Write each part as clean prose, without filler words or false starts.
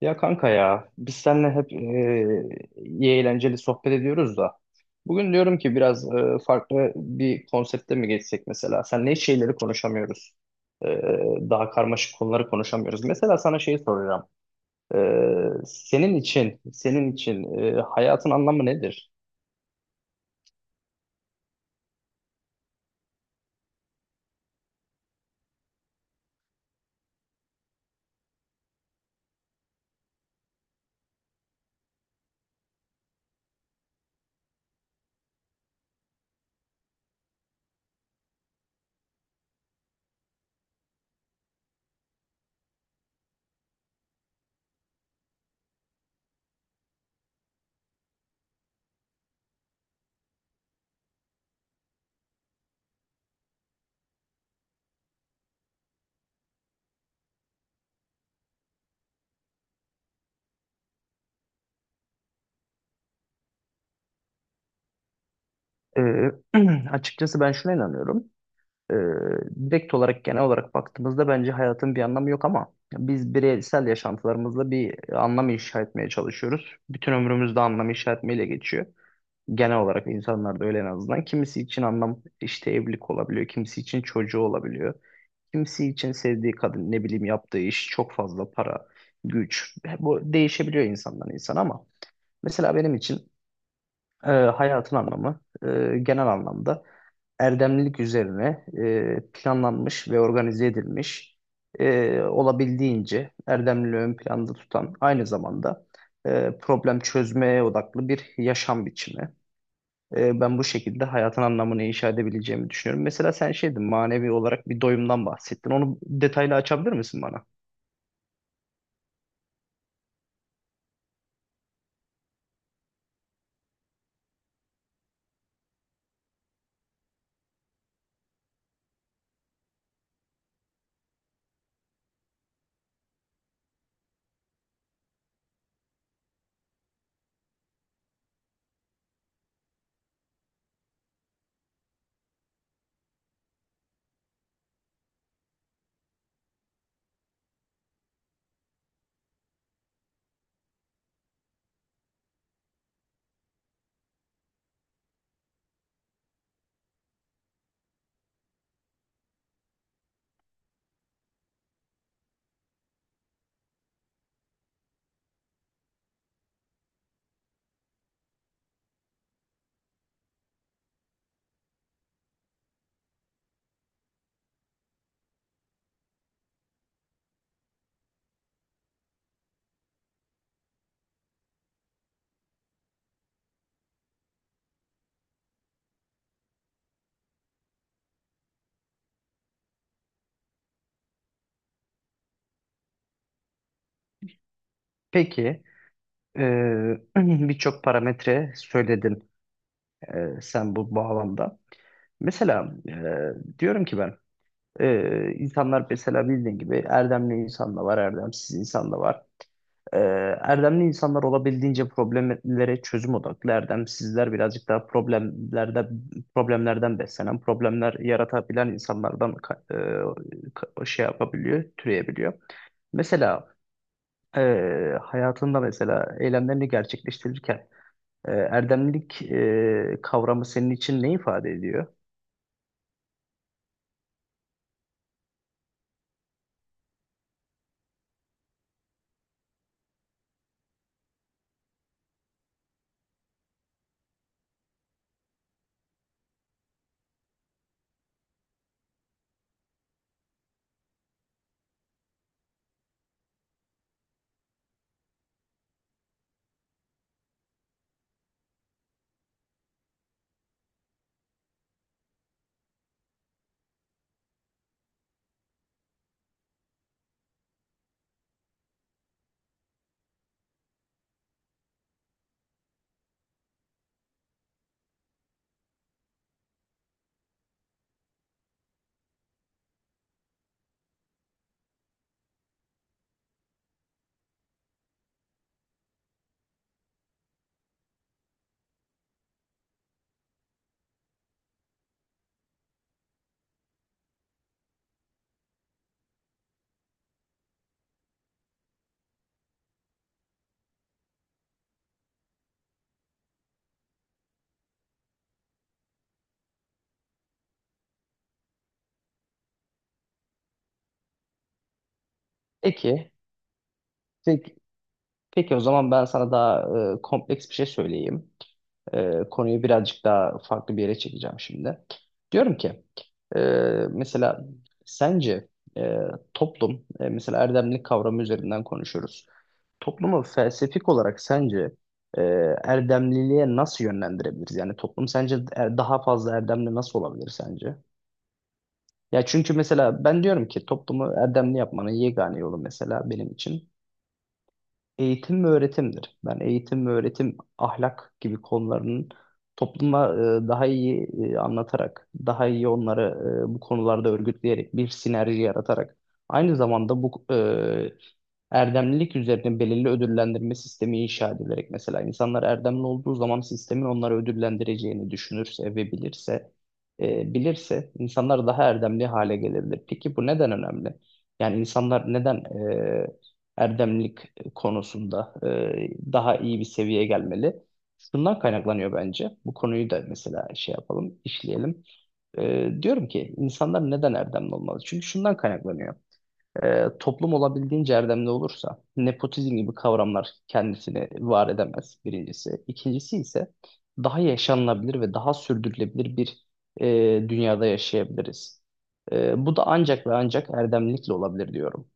Ya kanka ya biz seninle hep iyi eğlenceli sohbet ediyoruz da bugün diyorum ki biraz farklı bir konsepte mi geçsek, mesela senle hiç şeyleri konuşamıyoruz. E, Daha karmaşık konuları konuşamıyoruz. Mesela sana şey soracağım. E, Senin için, senin için hayatın anlamı nedir? E, Açıkçası ben şuna inanıyorum. Ee, Direkt olarak, genel olarak baktığımızda bence hayatın bir anlamı yok, ama biz bireysel yaşantılarımızla bir anlam inşa etmeye çalışıyoruz. Bütün ömrümüzde anlam inşa etmeyle geçiyor. Genel olarak insanlar da öyle en azından. Kimisi için anlam işte evlilik olabiliyor, kimisi için çocuğu olabiliyor. Kimisi için sevdiği kadın, ne bileyim yaptığı iş, çok fazla para, güç. Bu değişebiliyor insandan insana, ama mesela benim için hayatın anlamı genel anlamda erdemlilik üzerine planlanmış ve organize edilmiş, olabildiğince erdemliliği ön planda tutan, aynı zamanda problem çözmeye odaklı bir yaşam biçimi. Ben bu şekilde hayatın anlamını inşa edebileceğimi düşünüyorum. Mesela sen şeydin, manevi olarak bir doyumdan bahsettin. Onu detaylı açabilir misin bana? Peki, e, birçok parametre söyledin sen bu bağlamda. Mesela, diyorum ki ben, insanlar mesela bildiğin gibi erdemli insan da var, erdemsiz insan da var. Ee, Erdemli insanlar olabildiğince problemlere çözüm odaklı. Erdemsizler birazcık daha problemlerde, problemlerden beslenen, problemler yaratabilen insanlardan şey yapabiliyor, türeyebiliyor. Mesela e, hayatında mesela eylemlerini gerçekleştirirken erdemlilik kavramı senin için ne ifade ediyor? Peki, peki, peki o zaman ben sana daha kompleks bir şey söyleyeyim. Konuyu birazcık daha farklı bir yere çekeceğim şimdi. Diyorum ki e, mesela sence e, toplum, mesela erdemlik kavramı üzerinden konuşuyoruz. Toplumu felsefik olarak sence e, erdemliliğe nasıl yönlendirebiliriz? Yani toplum sence daha fazla erdemli nasıl olabilir sence? Ya çünkü mesela ben diyorum ki toplumu erdemli yapmanın yegane yolu, mesela benim için eğitim ve öğretimdir. Ben eğitim ve öğretim, ahlak gibi konularının topluma daha iyi anlatarak, daha iyi onları bu konularda örgütleyerek, bir sinerji yaratarak, aynı zamanda bu, erdemlilik üzerine belirli ödüllendirme sistemi inşa edilerek, mesela insanlar erdemli olduğu zaman sistemin onları ödüllendireceğini düşünürse ve bilirse, bilirse, insanlar daha erdemli hale gelebilir. Peki bu neden önemli? Yani insanlar neden e, erdemlilik konusunda daha iyi bir seviyeye gelmeli? Şundan kaynaklanıyor bence. Bu konuyu da mesela şey yapalım, işleyelim. Diyorum ki insanlar neden erdemli olmalı? Çünkü şundan kaynaklanıyor. Toplum olabildiğince erdemli olursa, nepotizm gibi kavramlar kendisini var edemez birincisi. İkincisi ise daha yaşanılabilir ve daha sürdürülebilir bir, e, dünyada yaşayabiliriz. Bu da ancak ve ancak erdemlilikle olabilir diyorum.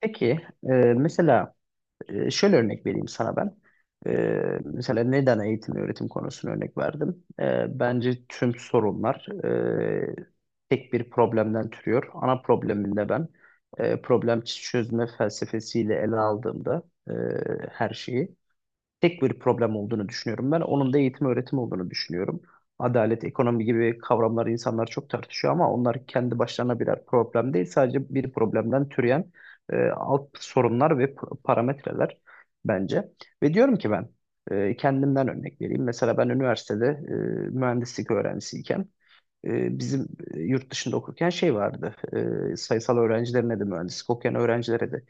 Peki, e, mesela, şöyle örnek vereyim sana ben. Mesela neden eğitim ve öğretim konusunu örnek verdim? Bence tüm sorunlar tek bir problemden türüyor. Ana probleminde ben problem çözme felsefesiyle ele aldığımda e, her şeyi tek bir problem olduğunu düşünüyorum ben. Onun da eğitim öğretim olduğunu düşünüyorum. Adalet, ekonomi gibi kavramları insanlar çok tartışıyor, ama onlar kendi başlarına birer problem değil. Sadece bir problemden türeyen alt sorunlar ve parametreler bence. Ve diyorum ki ben, kendimden örnek vereyim. Mesela ben üniversitede mühendislik öğrencisiyken bizim yurt dışında okurken şey vardı. Sayısal öğrencilerine de mühendislik okuyan öğrencilere de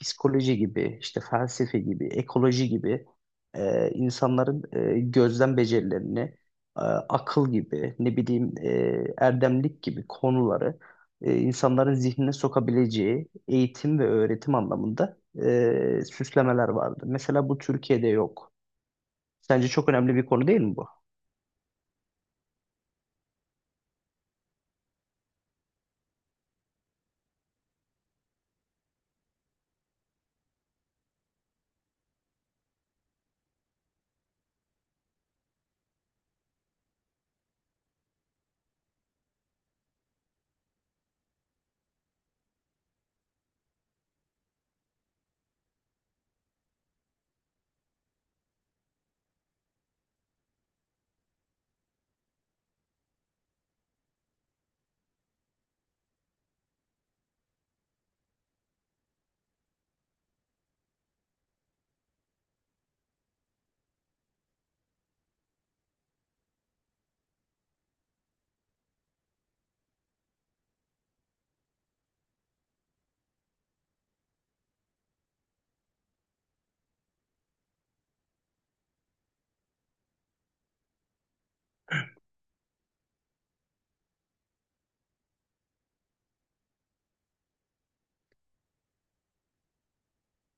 psikoloji gibi, işte felsefe gibi, ekoloji gibi, insanların gözlem becerilerini, akıl gibi, ne bileyim erdemlik gibi konuları insanların zihnine sokabileceği eğitim ve öğretim anlamında süslemeler vardı. Mesela bu Türkiye'de yok. Sence çok önemli bir konu değil mi bu?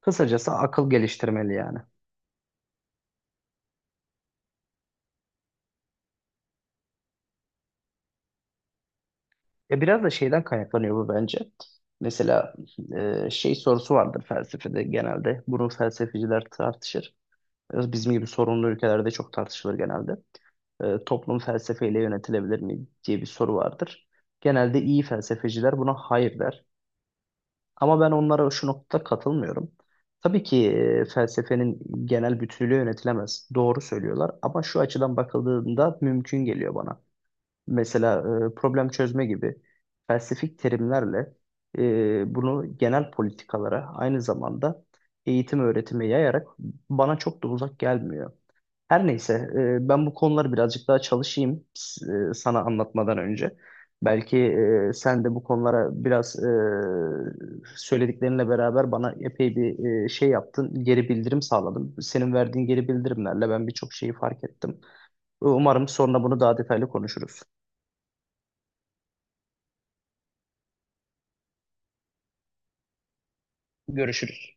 Kısacası akıl geliştirmeli yani. Ya biraz da şeyden kaynaklanıyor bu, bence. Mesela şey sorusu vardır felsefede genelde. Bunu felsefeciler tartışır. Biraz bizim gibi sorunlu ülkelerde çok tartışılır genelde. Toplum felsefeyle yönetilebilir mi diye bir soru vardır. Genelde iyi felsefeciler buna hayır der. Ama ben onlara şu noktada katılmıyorum. Tabii ki felsefenin genel bütünlüğü yönetilemez. Doğru söylüyorlar, ama şu açıdan bakıldığında mümkün geliyor bana. Mesela problem çözme gibi felsefik terimlerle bunu genel politikalara, aynı zamanda eğitim öğretime yayarak bana çok da uzak gelmiyor. Her neyse, ben bu konuları birazcık daha çalışayım sana anlatmadan önce. Belki sen de bu konulara biraz, söylediklerinle beraber bana epey bir şey yaptın, geri bildirim sağladın. Senin verdiğin geri bildirimlerle ben birçok şeyi fark ettim. Umarım sonra bunu daha detaylı konuşuruz. Görüşürüz.